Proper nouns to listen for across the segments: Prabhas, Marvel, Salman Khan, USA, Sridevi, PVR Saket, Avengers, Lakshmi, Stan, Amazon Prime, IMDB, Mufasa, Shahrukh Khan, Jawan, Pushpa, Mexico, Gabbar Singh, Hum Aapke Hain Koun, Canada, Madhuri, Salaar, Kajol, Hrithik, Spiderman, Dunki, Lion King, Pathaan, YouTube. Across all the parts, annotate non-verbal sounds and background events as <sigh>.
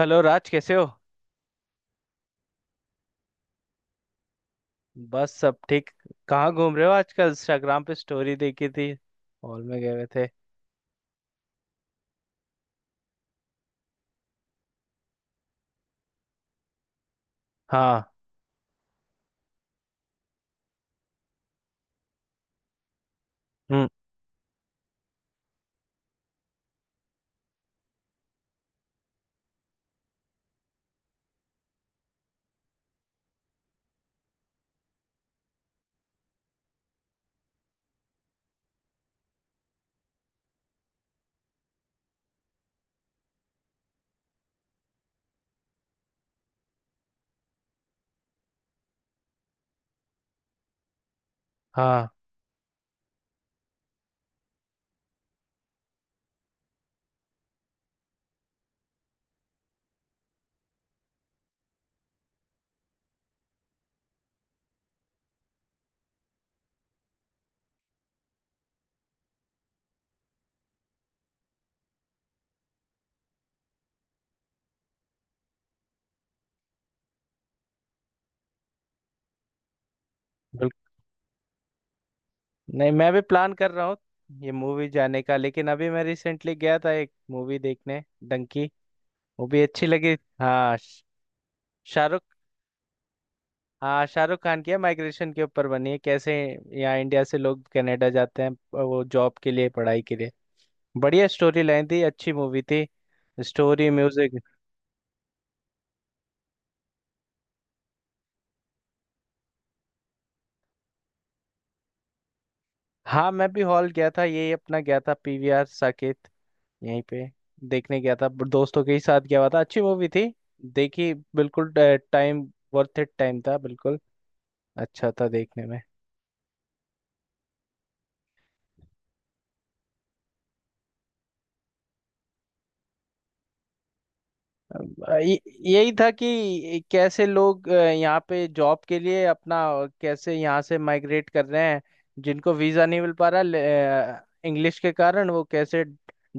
Hello Raj, कैसे हो? बस, सब ठीक। कहाँ घूम रहे हो आजकल? इंस्टाग्राम पे स्टोरी देखी थी। हॉल में गए हुए थे? हाँ। हम्म। हाँ, बिल्कुल। नहीं, मैं भी प्लान कर रहा हूँ ये मूवी जाने का, लेकिन अभी मैं रिसेंटली गया था एक मूवी देखने। डंकी। वो भी अच्छी लगी। हाँ, शाहरुख। हाँ, शाहरुख खान की है, माइग्रेशन के ऊपर बनी है कैसे यहाँ इंडिया से लोग कनाडा जाते हैं, वो जॉब के लिए, पढ़ाई के लिए। बढ़िया स्टोरी लाइन थी, अच्छी मूवी थी। Story, music. हाँ, मैं भी हॉल गया था, यही अपना गया था पीवीआर साकेत, यहीं पे देखने गया था, दोस्तों के ही साथ गया हुआ था, अच्छी मूवी थी, देखी बिल्कुल। टाइम वर्थ इट टाइम था, बिल्कुल अच्छा था देखने में। अब यही था कि कैसे लोग यहाँ पे जॉब के लिए अपना, कैसे यहाँ से माइग्रेट कर रहे हैं, जिनको वीज़ा नहीं मिल पा रहा इंग्लिश के कारण, वो कैसे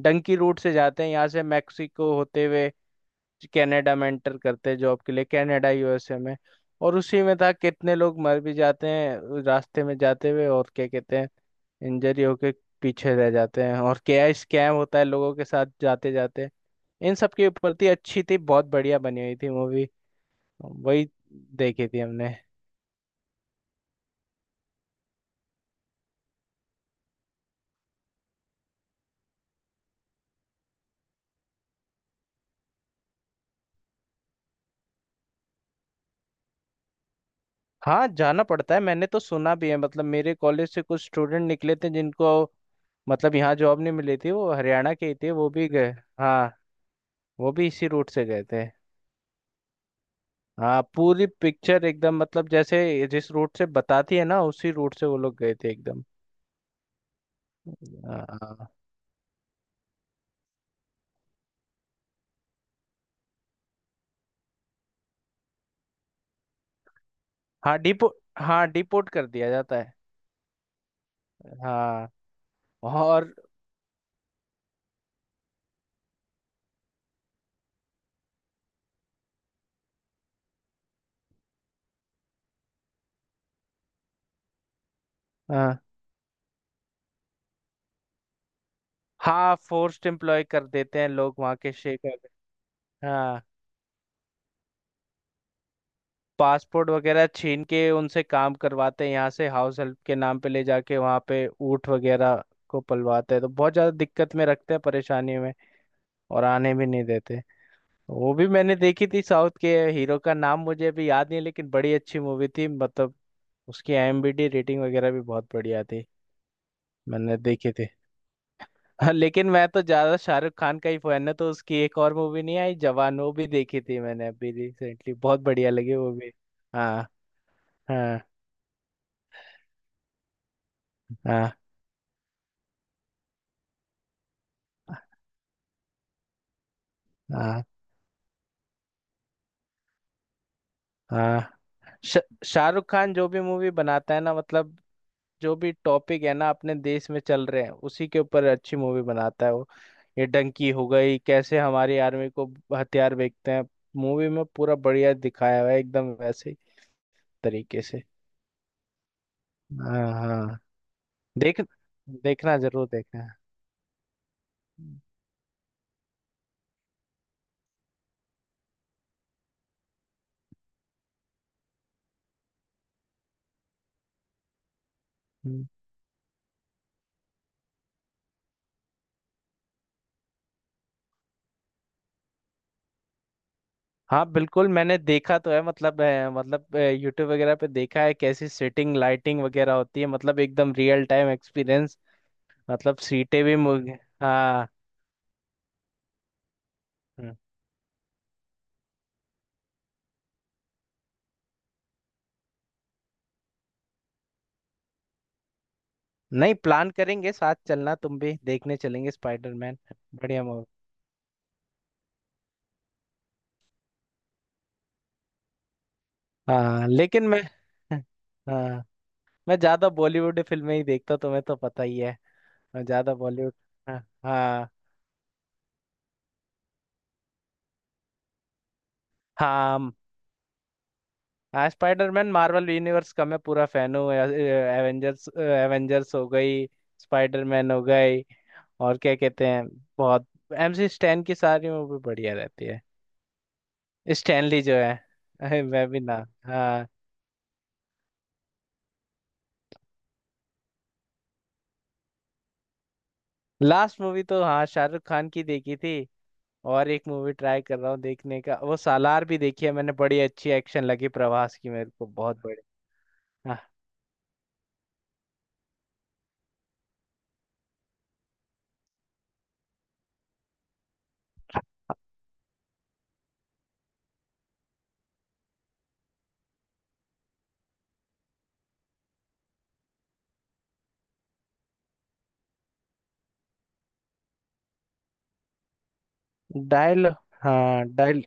डंकी रूट से जाते हैं यहाँ से मैक्सिको होते हुए कनाडा में एंटर करते हैं जॉब के लिए, कनाडा, यूएसए में। और उसी में था कितने लोग मर भी जाते हैं रास्ते में जाते हुए, और क्या कहते हैं, इंजरी होके पीछे रह जाते हैं, और क्या स्कैम होता है लोगों के साथ जाते जाते, इन सब के ऊपर थी। अच्छी थी, बहुत बढ़िया बनी हुई थी मूवी। वही देखी थी हमने। हाँ, जाना पड़ता है, मैंने तो सुना भी है। मतलब मेरे कॉलेज से कुछ स्टूडेंट निकले थे जिनको मतलब यहाँ जॉब नहीं मिली थी, वो हरियाणा के ही थे, वो भी गए। हाँ, वो भी इसी रूट से गए थे। हाँ, पूरी पिक्चर एकदम, मतलब जैसे जिस रूट से बताती है ना उसी रूट से वो लोग गए थे एकदम। हाँ हाँ, डिपो हाँ, डिपोर्ट कर दिया जाता है। हाँ। और। हाँ हाँ, फोर्स्ड एम्प्लॉय कर देते हैं लोग, वहाँ के शेख अगर। हाँ, पासपोर्ट वगैरह छीन के उनसे काम करवाते हैं, यहाँ से हाउस हेल्प के नाम पे ले जाके वहाँ पे ऊँट वगैरह को पलवाते हैं, तो बहुत ज़्यादा दिक्कत में रखते हैं, परेशानी में। और आने भी नहीं देते। वो भी मैंने देखी थी, साउथ के। हीरो का नाम मुझे अभी याद नहीं है लेकिन बड़ी अच्छी मूवी थी, मतलब उसकी आईएमबी रेटिंग वगैरह भी बहुत बढ़िया थी। मैंने देखी थी। हाँ, लेकिन मैं तो ज्यादा शाहरुख खान का ही फैन है, तो उसकी एक और मूवी नहीं आई जवान, वो भी देखी थी मैंने अभी रिसेंटली, बहुत बढ़िया लगी वो भी। हाँ, हाँ, हाँ, हाँ, हाँ, श- शाहरुख खान जो भी मूवी बनाता है ना, मतलब जो भी टॉपिक है ना अपने देश में चल रहे हैं, उसी के ऊपर अच्छी मूवी बनाता है वो। ये डंकी हो गई, कैसे हमारी आर्मी को हथियार बेचते हैं, मूवी में पूरा बढ़िया दिखाया हुआ है, एकदम वैसे ही तरीके से। हाँ हाँ। देख देखना, जरूर देखना। हम्म। हाँ, बिल्कुल, मैंने देखा तो है, मतलब, मतलब यूट्यूब वगैरह पे देखा है कैसी सेटिंग, लाइटिंग वगैरह होती है, मतलब एकदम रियल टाइम एक्सपीरियंस। मतलब सीटें भी हाँ। नहीं, प्लान करेंगे, साथ चलना, तुम भी देखने चलेंगे स्पाइडरमैन, बढ़िया मूवी। हाँ, लेकिन मैं <laughs> हाँ, मैं ज्यादा बॉलीवुड फिल्में ही देखता हूँ, तुम्हें तो पता ही है। मैं ज्यादा बॉलीवुड। हाँ हाँ हाँ। हाँ, स्पाइडरमैन, मार्वल यूनिवर्स का मैं पूरा फैन हूँ। एवेंजर्स एवेंजर्स हो गई, स्पाइडरमैन हो गई, और क्या कहते हैं, बहुत। एमसी स्टैन की सारी मूवी बढ़िया रहती है। स्टैनली जो है। <laughs> अरे, मैं भी ना। हाँ। लास्ट मूवी तो हाँ, शाहरुख खान की देखी थी। और एक मूवी ट्राई कर रहा हूँ देखने का, वो सालार भी देखी है मैंने, बड़ी अच्छी एक्शन लगी, प्रभास की, मेरे को बहुत बड़ी। हाँ, डायल हाँ, डायल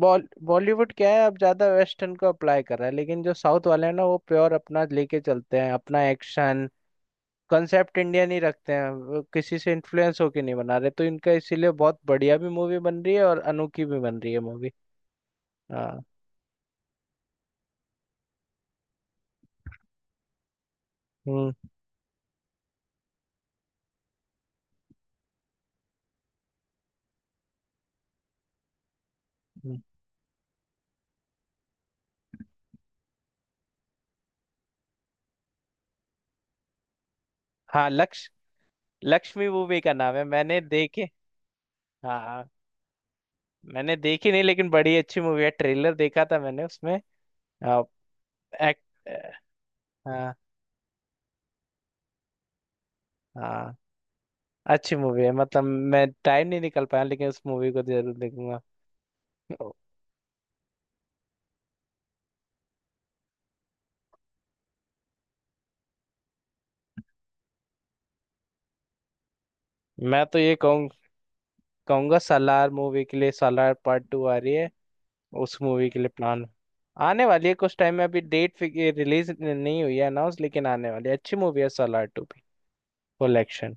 बॉलीवुड क्या है, अब ज्यादा वेस्टर्न को अप्लाई कर रहा है, लेकिन जो साउथ वाले हैं ना, वो प्योर अपना लेके चलते हैं, अपना एक्शन कंसेप्ट इंडियन ही रखते हैं, वो किसी से इन्फ्लुएंस होके नहीं बना रहे, तो इनका इसीलिए बहुत बढ़िया भी मूवी बन रही है, और अनोखी भी बन रही है मूवी। हाँ। हम्म हम्म। हाँ, लक्ष्य लक्ष्मी मूवी का नाम है, मैंने देखे। हाँ, मैंने देखी नहीं, लेकिन बड़ी अच्छी मूवी है, ट्रेलर देखा था मैंने उसमें। आ, एक्ट हाँ हाँ। अच्छी मूवी है, मतलब मैं टाइम नहीं निकल पाया, लेकिन उस मूवी को जरूर देखूंगा। ओ, मैं तो ये कहूँ कहूंगा, सालार मूवी के लिए, सालार पार्ट टू आ रही है, उस मूवी के लिए प्लान। आने वाली है कुछ टाइम में, अभी डेट रिलीज नहीं हुई है अनाउंस, लेकिन आने वाली है, अच्छी मूवी है सालार टू भी। Full action.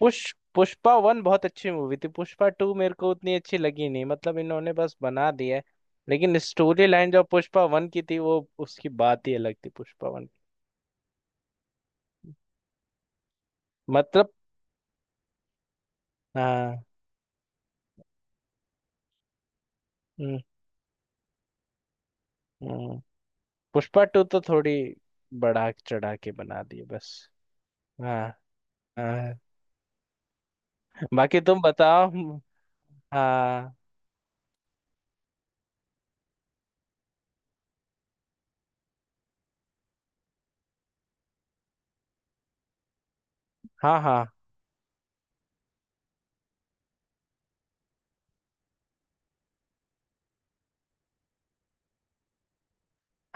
पुष्पा वन बहुत अच्छी मूवी थी, पुष्पा टू मेरे को उतनी अच्छी लगी नहीं, मतलब इन्होंने बस बना दिया है। लेकिन स्टोरी लाइन जो पुष्पा वन की थी, वो उसकी बात ही अलग थी, पुष्पा वन, मतलब। हाँ। हम्म, हम्म। पुष्पा टू तो थोड़ी बढ़ा चढ़ा के बना दिए बस। हाँ हाँ। बाकी तुम बताओ। हाँ हाँ हाँ।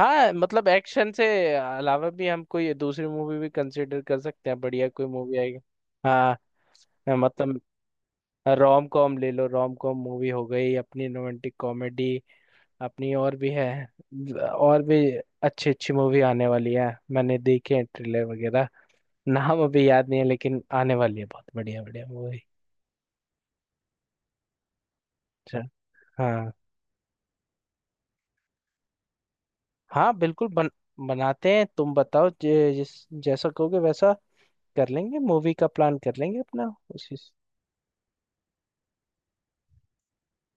हाँ, मतलब एक्शन से अलावा भी हम कोई दूसरी मूवी भी कंसिडर कर सकते हैं, बढ़िया कोई मूवी आएगी। हाँ, मतलब रोम कॉम ले लो, रोम कॉम मूवी हो गई अपनी, रोमांटिक कॉमेडी अपनी, और भी है, और भी अच्छी अच्छी मूवी आने वाली है, मैंने देखे हैं ट्रेलर वगैरह। नाम अभी याद नहीं है, लेकिन आने वाली है, बहुत बढ़िया बढ़िया मूवी। अच्छा। हाँ हाँ, बिल्कुल, बनाते हैं। तुम बताओ, जिस जैसा कहोगे वैसा कर लेंगे, मूवी का प्लान कर लेंगे अपना उसी।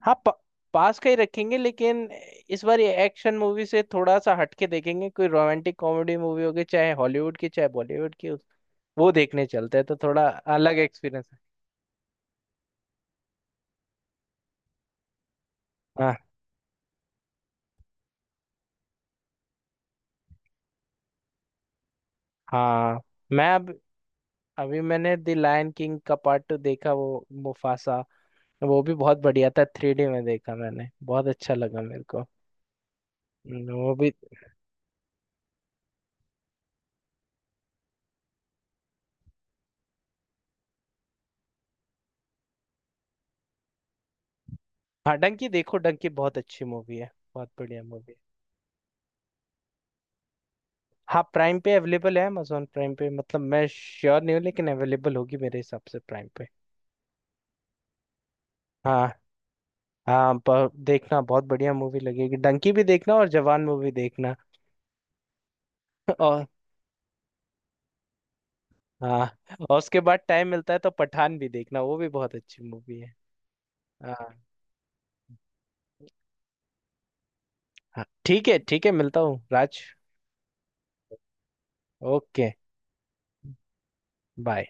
हाँ, पास का ही रखेंगे, लेकिन इस बार ये एक्शन मूवी से थोड़ा सा हटके देखेंगे, कोई रोमांटिक कॉमेडी मूवी होगी, चाहे हॉलीवुड की चाहे बॉलीवुड की वो, देखने चलते हैं तो थोड़ा अलग एक्सपीरियंस है। हाँ हाँ। मैं अब अभी मैंने द लायन किंग का पार्ट टू देखा, वो मुफासा, वो भी बहुत बढ़िया था, थ्री डी में देखा मैंने, बहुत अच्छा लगा मेरे को। वो भी। हाँ, डंकी देखो, डंकी बहुत अच्छी मूवी है, बहुत बढ़िया मूवी। हाँ, प्राइम पे अवेलेबल है, अमेजोन प्राइम पे, मतलब मैं श्योर नहीं हूँ, लेकिन अवेलेबल होगी मेरे हिसाब से प्राइम पे। हाँ हाँ, देखना, बहुत बढ़िया मूवी लगेगी, डंकी भी देखना, और जवान मूवी देखना। <laughs> और, हाँ, और उसके बाद टाइम मिलता है तो पठान भी देखना, वो भी बहुत अच्छी मूवी है। हाँ। हाँ, ठीक है, ठीक है, मिलता हूँ राज। ओके। बाय।